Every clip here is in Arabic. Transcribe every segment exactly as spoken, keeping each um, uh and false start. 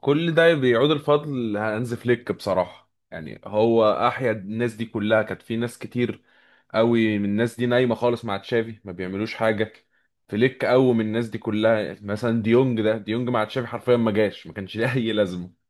كل ده بيعود الفضل لهانز فليك، بصراحة يعني هو أحيا الناس دي كلها. كانت في ناس كتير قوي من الناس دي نايمة خالص مع تشافي، ما بيعملوش حاجة. فليك قوي من الناس دي كلها، مثلا ديونج. ده ديونج مع تشافي حرفيا ما جاش ما كانش ليه أي لازمة.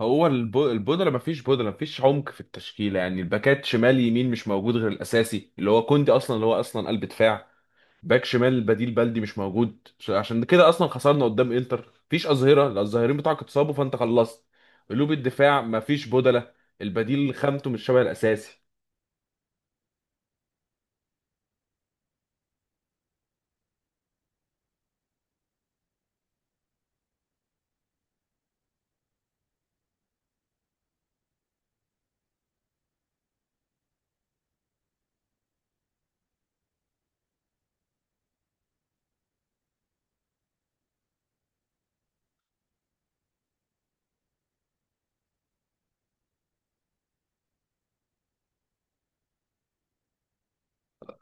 هو الب- البودلة، ما فيش بودلة، ما فيش عمق في التشكيلة. يعني الباكات شمال يمين مش موجود غير الأساسي اللي هو كوندي، أصلا اللي هو أصلا قلب دفاع. باك شمال بديل بلدي مش موجود، عشان كده اصلا خسرنا قدام انتر. مفيش اظهره، لا الظاهرين بتاعك اتصابوا فانت خلصت. قلوب الدفاع مفيش بدله، البديل خامته مش شبه الاساسي.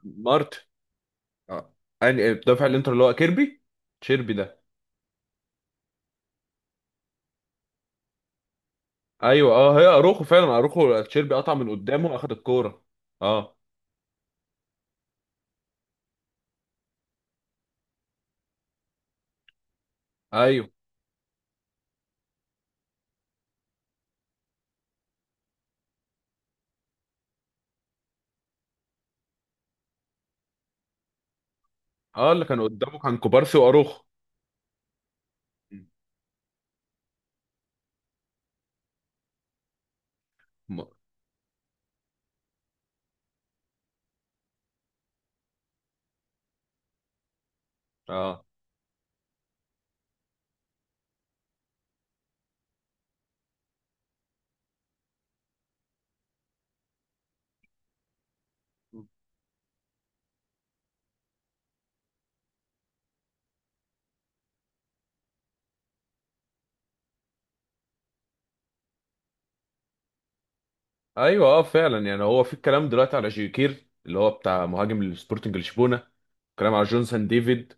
مارت اه، يعني دافع الانتر اللي هو كيربي تشيربي ده. ايوه، اه، هي اروخو، فعلا اروخو تشيربي قطع من قدامه اخد الكوره. اه. ايوه، اه، اللي كان قدامه كان كوبارسي واروخو. م- اه. ايوه، اه فعلا. يعني هو في الكلام دلوقتي على جيوكير اللي هو بتاع مهاجم السبورتنج لشبونه، كلام على جونسون ديفيد.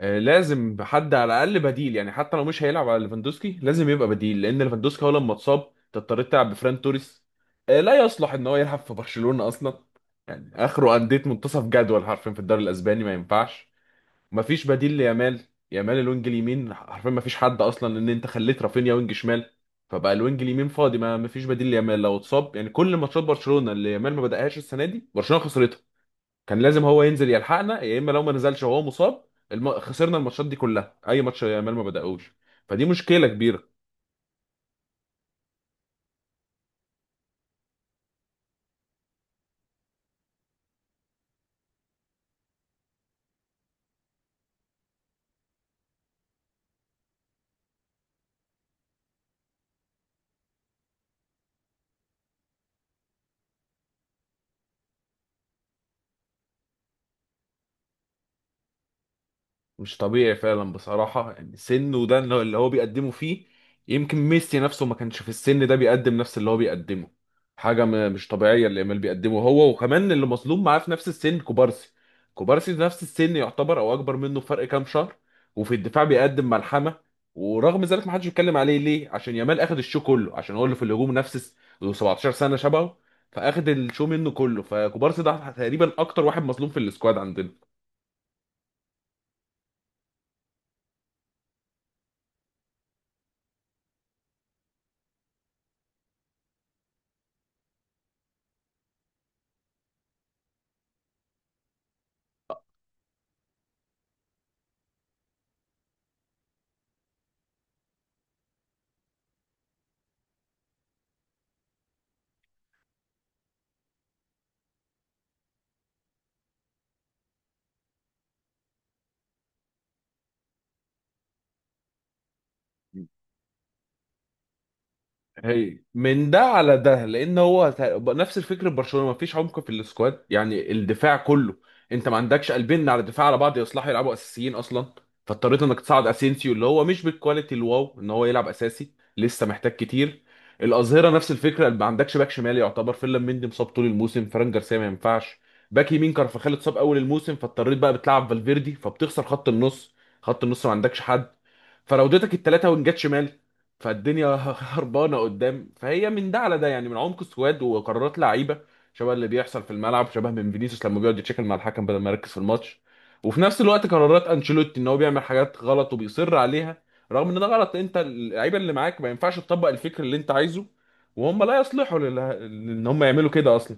آه، لازم حد على الاقل بديل، يعني حتى لو مش هيلعب على ليفاندوسكي لازم يبقى بديل لان ليفاندوسكي هو لما اتصاب أنت اضطريت تلعب بفران توريس. آه، لا يصلح ان هو يلعب في برشلونه اصلا، يعني اخره انديه منتصف جدول حرفيا في الدوري الاسباني، ما ينفعش. مفيش بديل ليامال، يامال الوينج اليمين حرفيا مفيش حد اصلا لان انت خليت رافينيا وينج شمال، فبقى الوينج اليمين فاضي، ما مفيش بديل ليامال لو اتصاب. يعني كل ماتشات برشلونة اللي يامال ما بدأهاش السنة دي برشلونة خسرتها. كان لازم هو ينزل يلحقنا يا اما لو ما نزلش وهو مصاب. الم... خسرنا الماتشات دي كلها، اي ماتش يامال ما بدأهوش، فدي مشكلة كبيرة. مش طبيعي فعلا بصراحة، يعني سنه ده إنه- اللي هو بيقدمه فيه. يمكن ميسي نفسه ما كانش في السن ده بيقدم نفس اللي هو بيقدمه. حاجة م- مش طبيعية اللي يامال بيقدمه، هو وكمان اللي مظلوم معاه في نفس السن كوبارسي. كوبارسي في نفس السن يعتبر أو أكبر منه بفرق كام شهر، وفي الدفاع بيقدم ملحمة. ورغم ذلك ما حدش بيتكلم عليه، ليه؟ عشان يامال أخد الشو كله، عشان هو اللي في الهجوم نفس الس- له 17 سنة شبهه، فأخد الشو منه كله. فكوبارسي ده تقريبا أكتر واحد مظلوم في السكواد عندنا. هي من ده على ده، لان هو ت- نفس الفكر ببرشلونه، مفيش عمق في السكواد. يعني الدفاع كله انت ما عندكش قلبين على الدفاع على بعض يصلحوا يلعبوا اساسيين اصلا، فاضطريت انك تصعد اسينسيو اللي هو مش بالكواليتي الواو ان هو يلعب اساسي، لسه محتاج كتير. الاظهره نفس الفكره، ما عندكش باك شمال يعتبر، فيلم مندي مصاب طول الموسم، فران جارسيا ما ينفعش. باك يمين كارفاخال اتصاب اول الموسم، فاضطريت بقى بتلعب فالفيردي فبتخسر خط النص. خط النص ما عندكش حد، فراودتك الثلاثه وينجات شمال، فالدنيا هربانه قدام. فهي من ده على ده يعني، من عمق السواد وقرارات لعيبه شبه اللي بيحصل في الملعب، شبه من فينيسيوس لما بيقعد يتشكل مع الحكم بدل ما يركز في الماتش. وفي نفس الوقت قرارات انشيلوتي ان هو بيعمل حاجات غلط وبيصر عليها، رغم ان ده غلط. انت اللعيبه اللي معاك ما ينفعش تطبق الفكر اللي انت عايزه، وهم لا يصلحوا لل- ان هم يعملوا كده اصلا.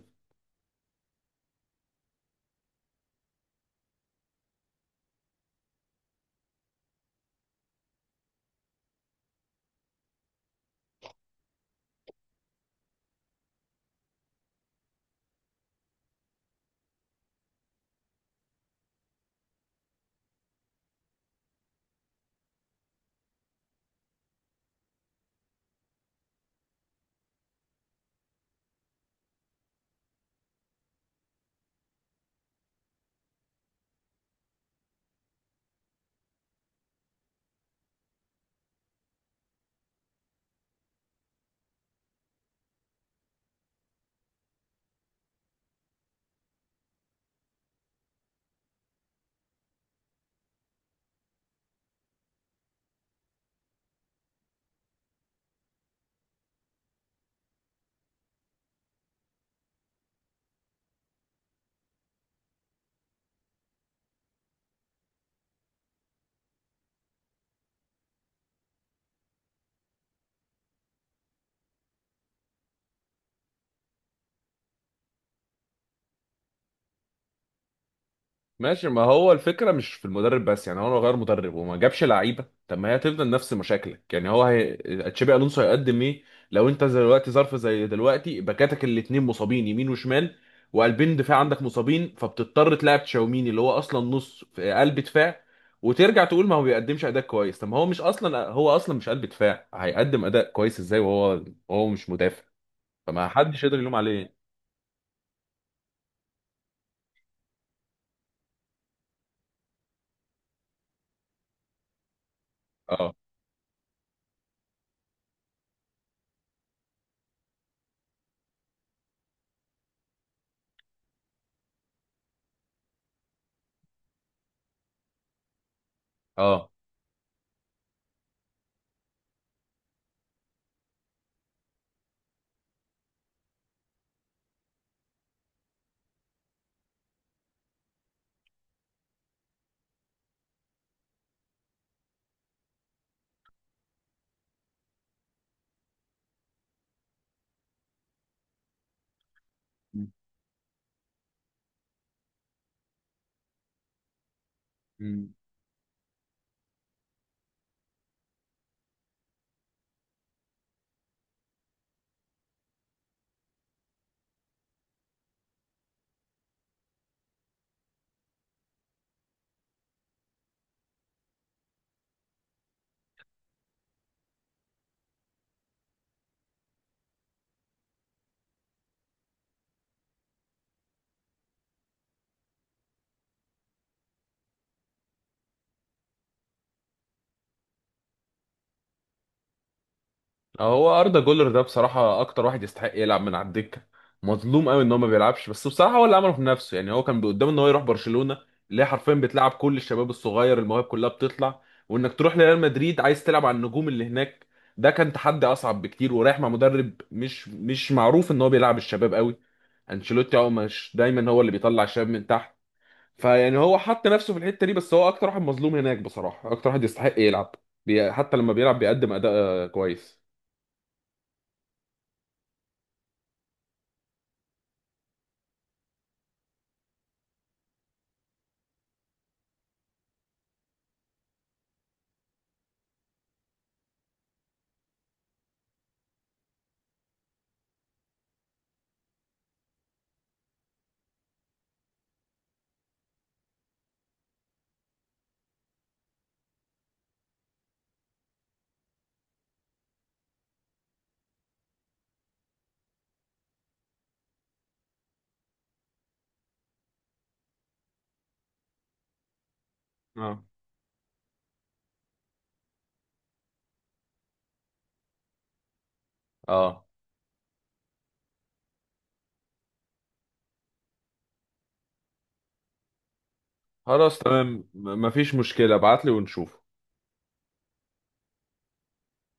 ماشي، ما هو الفكرة مش في المدرب بس، يعني هو لو غير مدرب وما جابش لعيبة طب ما هي هتفضل نفس مشاكلك. يعني هو هي... تشابي ألونسو هيقدم ايه لو انت زي دلوقتي ظرف زي دلوقتي باكاتك الاتنين مصابين يمين وشمال، وقلبين دفاع عندك مصابين، فبتضطر تلعب تشاوميني اللي هو اصلا نص في قلب دفاع، وترجع تقول ما هو بيقدمش اداء كويس. طب ما هو مش اصلا، هو اصلا مش قلب دفاع، هيقدم اداء كويس ازاي وهو هو مش مدافع؟ فما حدش يقدر يلوم عليه. اه. اه، هو اردا جولر ده بصراحه اكتر واحد يستحق يلعب من على الدكه. مظلوم قوي ان هو ما بيلعبش، بس بصراحه هو اللي عمله في نفسه. يعني هو كان قدامه ان هو يروح برشلونه اللي هي حرفيا بتلعب كل الشباب الصغير، المواهب كلها بتطلع، وانك تروح لريال مدريد عايز تلعب على النجوم اللي هناك ده كان تحدي اصعب بكتير، ورايح مع مدرب مش مش معروف ان هو بيلعب الشباب قوي. انشيلوتي هو مش دايما هو اللي بيطلع الشباب من تحت، فيعني هو حط نفسه في الحته دي. بس هو اكتر واحد مظلوم هناك بصراحه، اكتر واحد يستحق يلعب. بي- حتى لما بيلعب بيقدم اداء آه، كويس. اه، خلاص تمام. م- مفيش مشكلة، ابعتلي ونشوف.